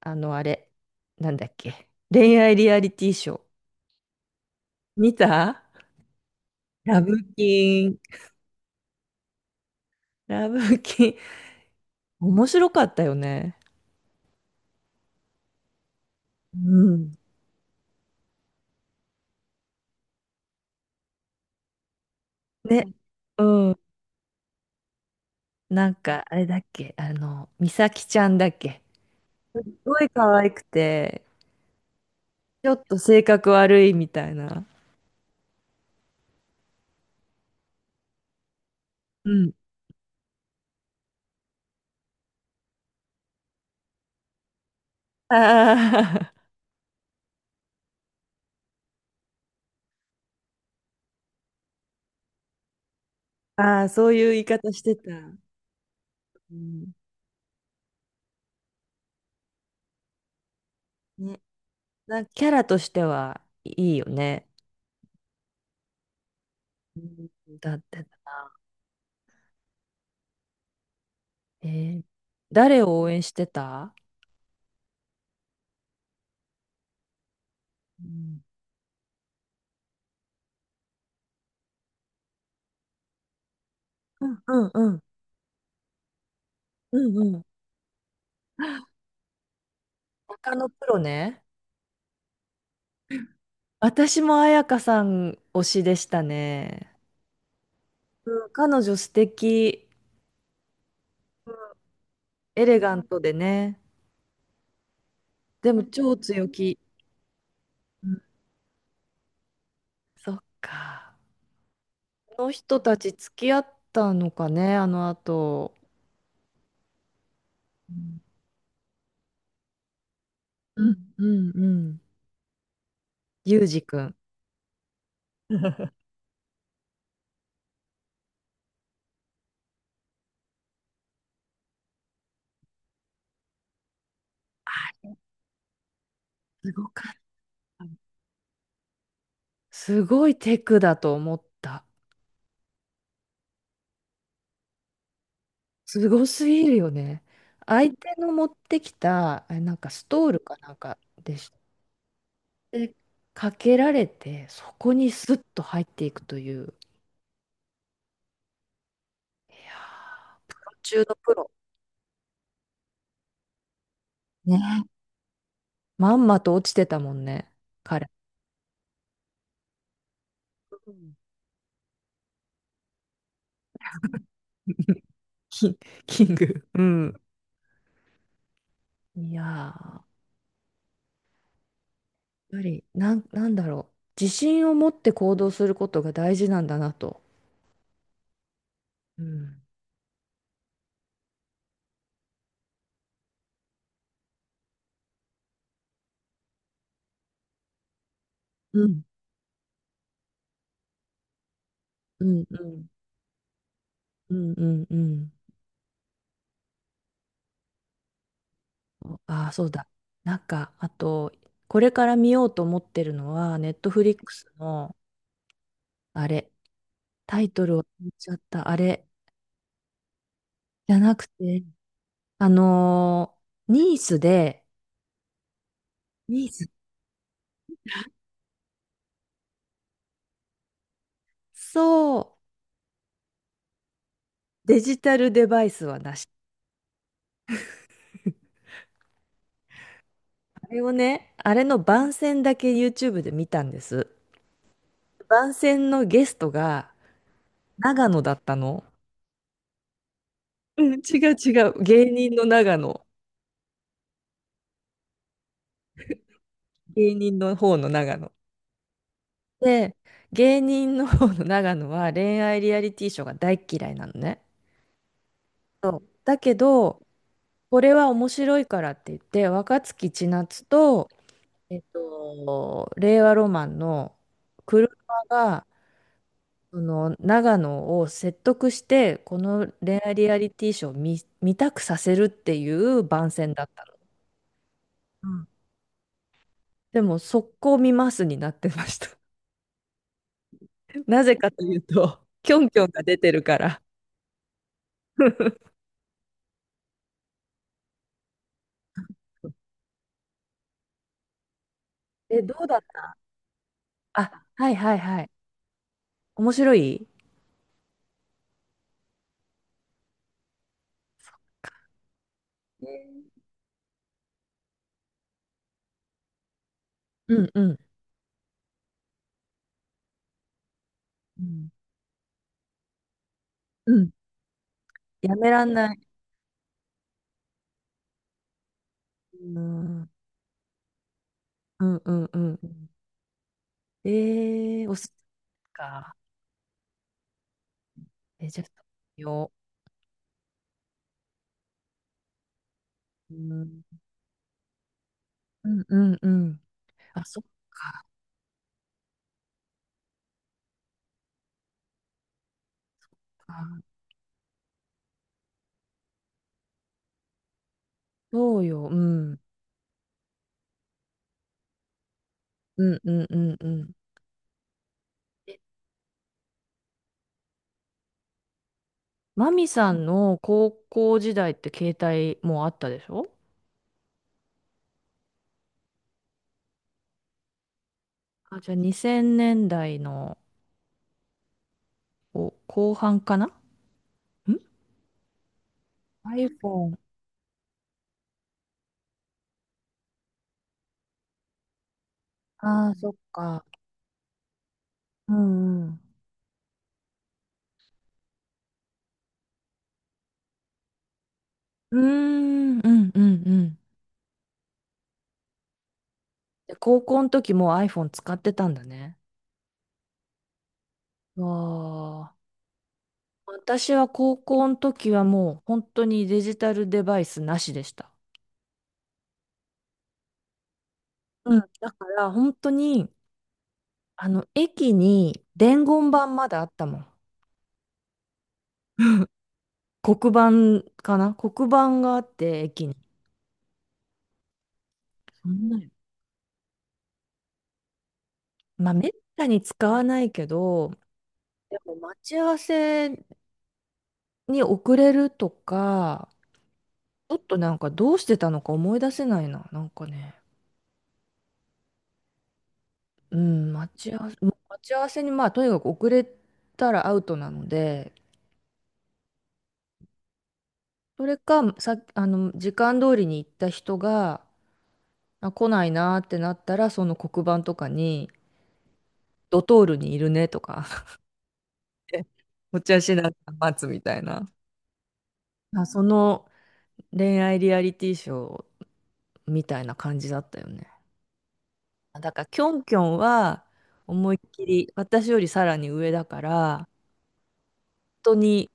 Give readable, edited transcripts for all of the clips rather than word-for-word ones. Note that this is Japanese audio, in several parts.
あの、あれ、なんだっけ。恋愛リアリティショー。見た。ラブキン。ラブキン。面白かったよね。うん。ね。うん。なんか、あれだっけ。あの、美咲ちゃんだっけ。すっごい可愛くて、ちょっと性格悪いみたいな。うん。ああ、ああ、そういう言い方してた。うん。ね。なんかキャラとしてはいいよね。うん、だって。えー誰を応援してた？うん、うん、うん、うん、うん、うん。他のプロね。私も彩香さん推しでしたね。うん、彼女素敵、エレガントでね。でも超強気。うん。そっか。この人たち付き合ったのかね、あの後。うん、うん、うん、うん。ユージくん。すごかった。すごいテクだと思った。すごすぎるよね。相手の持ってきた、あ、なんかストールかなんかでして、でかけられて、そこにスッと入っていくという。いやー、プロ中のプロ。ね。まんまと落ちてたもんね、彼。うん。 キン、キング。うん。いやー、やっぱり、なんだろう。自信を持って行動することが大事なんだなと。うん。うん。うん。うん。うん。うん。うん。ああ、そうだ。なんか、あと、これから見ようと思ってるのは、ネットフリックスの、あれ、タイトルを言っちゃった、あれ、じゃなくて、あのニースで、ニース、そう、デジタルデバイスはなし。あれをね、あれの番宣だけ YouTube で見たんです。番宣のゲストが長野だったの。うん、違う違う。芸人の長野。芸人の方の長野。で、芸人の方の長野は恋愛リアリティショーが大っ嫌いなのね。だけど、これは面白いからって言って、若槻千夏と、えっと、令和ロマンの車が、その長野を説得して、この恋愛リアリティショーを見たくさせるっていう番宣だったの。うん。でも、速攻見ますになってました。なぜかというと、キョンキョンが出てるから。え、どうだっあ、はいはいはい。面白いね。うん、うん。うん。うん。やめらんない。うん。うん、うん、うん、うん。おすすめか。え、じゃあ、よう。うん。うん、うん、うん。あ、そっか。あ、そうよ。うん。うん、うん、うん、うん。え、マミさんの高校時代って携帯もうあったでしょ？あ、じゃあ2000年代のお後半かなん、 iPhone。ああ、そっか。うん、うん。うーん、うん、うん、うん。で、高校の時もう iPhone 使ってたんだね。わあ。私は高校の時はもう本当にデジタルデバイスなしでした。うん。だから本当に、あの、駅に伝言板まだあったもん。黒板かな、黒板があって、駅に。そんなにまあ、めったに使わないけど、でも待ち合わせに遅れるとか、ちょっとなんかどうしてたのか思い出せないな。なんかね。うん、待ち合わせ、もう待ち合わせに、まあ、とにかく遅れたらアウトなので、それか、さ、あの、時間通りに行った人が、あ、来ないなーってなったら、その黒板とかに、ドトールにいるねとか、 お茶しながら待つみたいな。あ、その恋愛リアリティショーみたいな感じだったよね。だから、キョンキョンは、思いっきり、私よりさらに上だから、本当に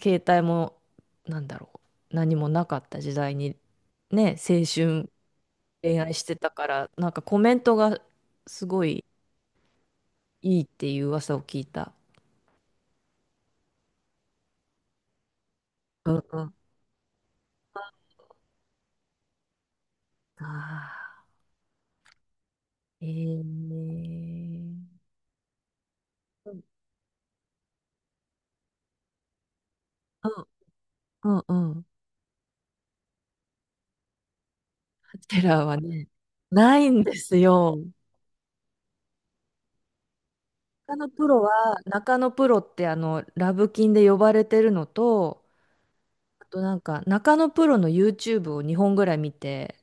携帯もなんだろう、何もなかった時代にね、青春恋愛してたからなんかコメントがすごいいいっていう噂を聞いた。うん、うん。ああ、えー、うん、うん、うん、うん。ハテラはね、ないんですよ。中野プロは、中野プロってあの、ラブキンで呼ばれてるのと、あとなんか、中野プロの YouTube を2本ぐらい見て、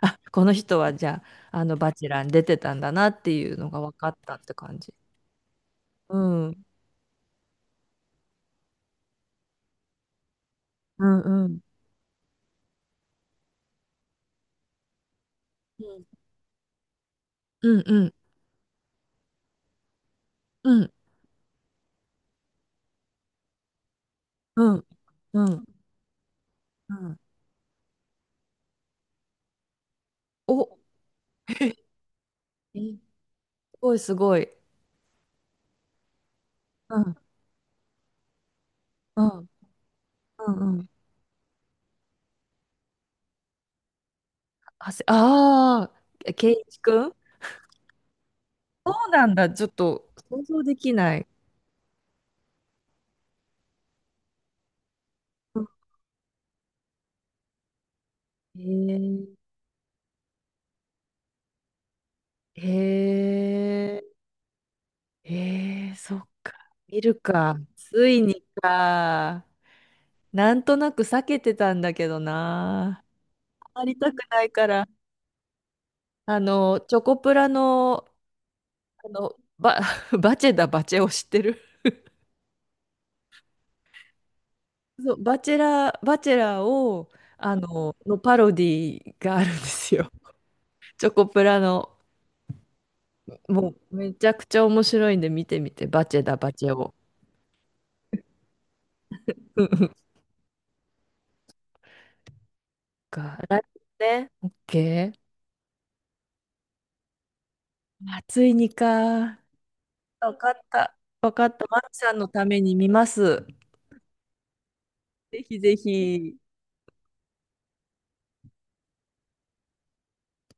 あ、この人はじゃあ、あの、バチェラーに出てたんだなっていうのが分かったって感じ。うん。うん、うん。うん、うん、うん、うん、うん、うん。お、すごいすごい。うん、うん、うん、うん。ああ、圭一くん。そうなんだ。ちょっと想像できない。うん。へえ、へえ、へえ、そっか。見るか。ついにか。なんとなく避けてたんだけどな。あまりたくないから。あの、チョコプラの、あの、バ、バチェを知ってる？そう、バチェラーを、あの、のパロディがあるんですよ。チョコプラの、もうめちゃくちゃ面白いんで見てみて、バチェを。うん、うん、か、来年ね。オッケー。あ、ついにか。わかった。わかった。マルさんのために見ます。ぜひぜひ。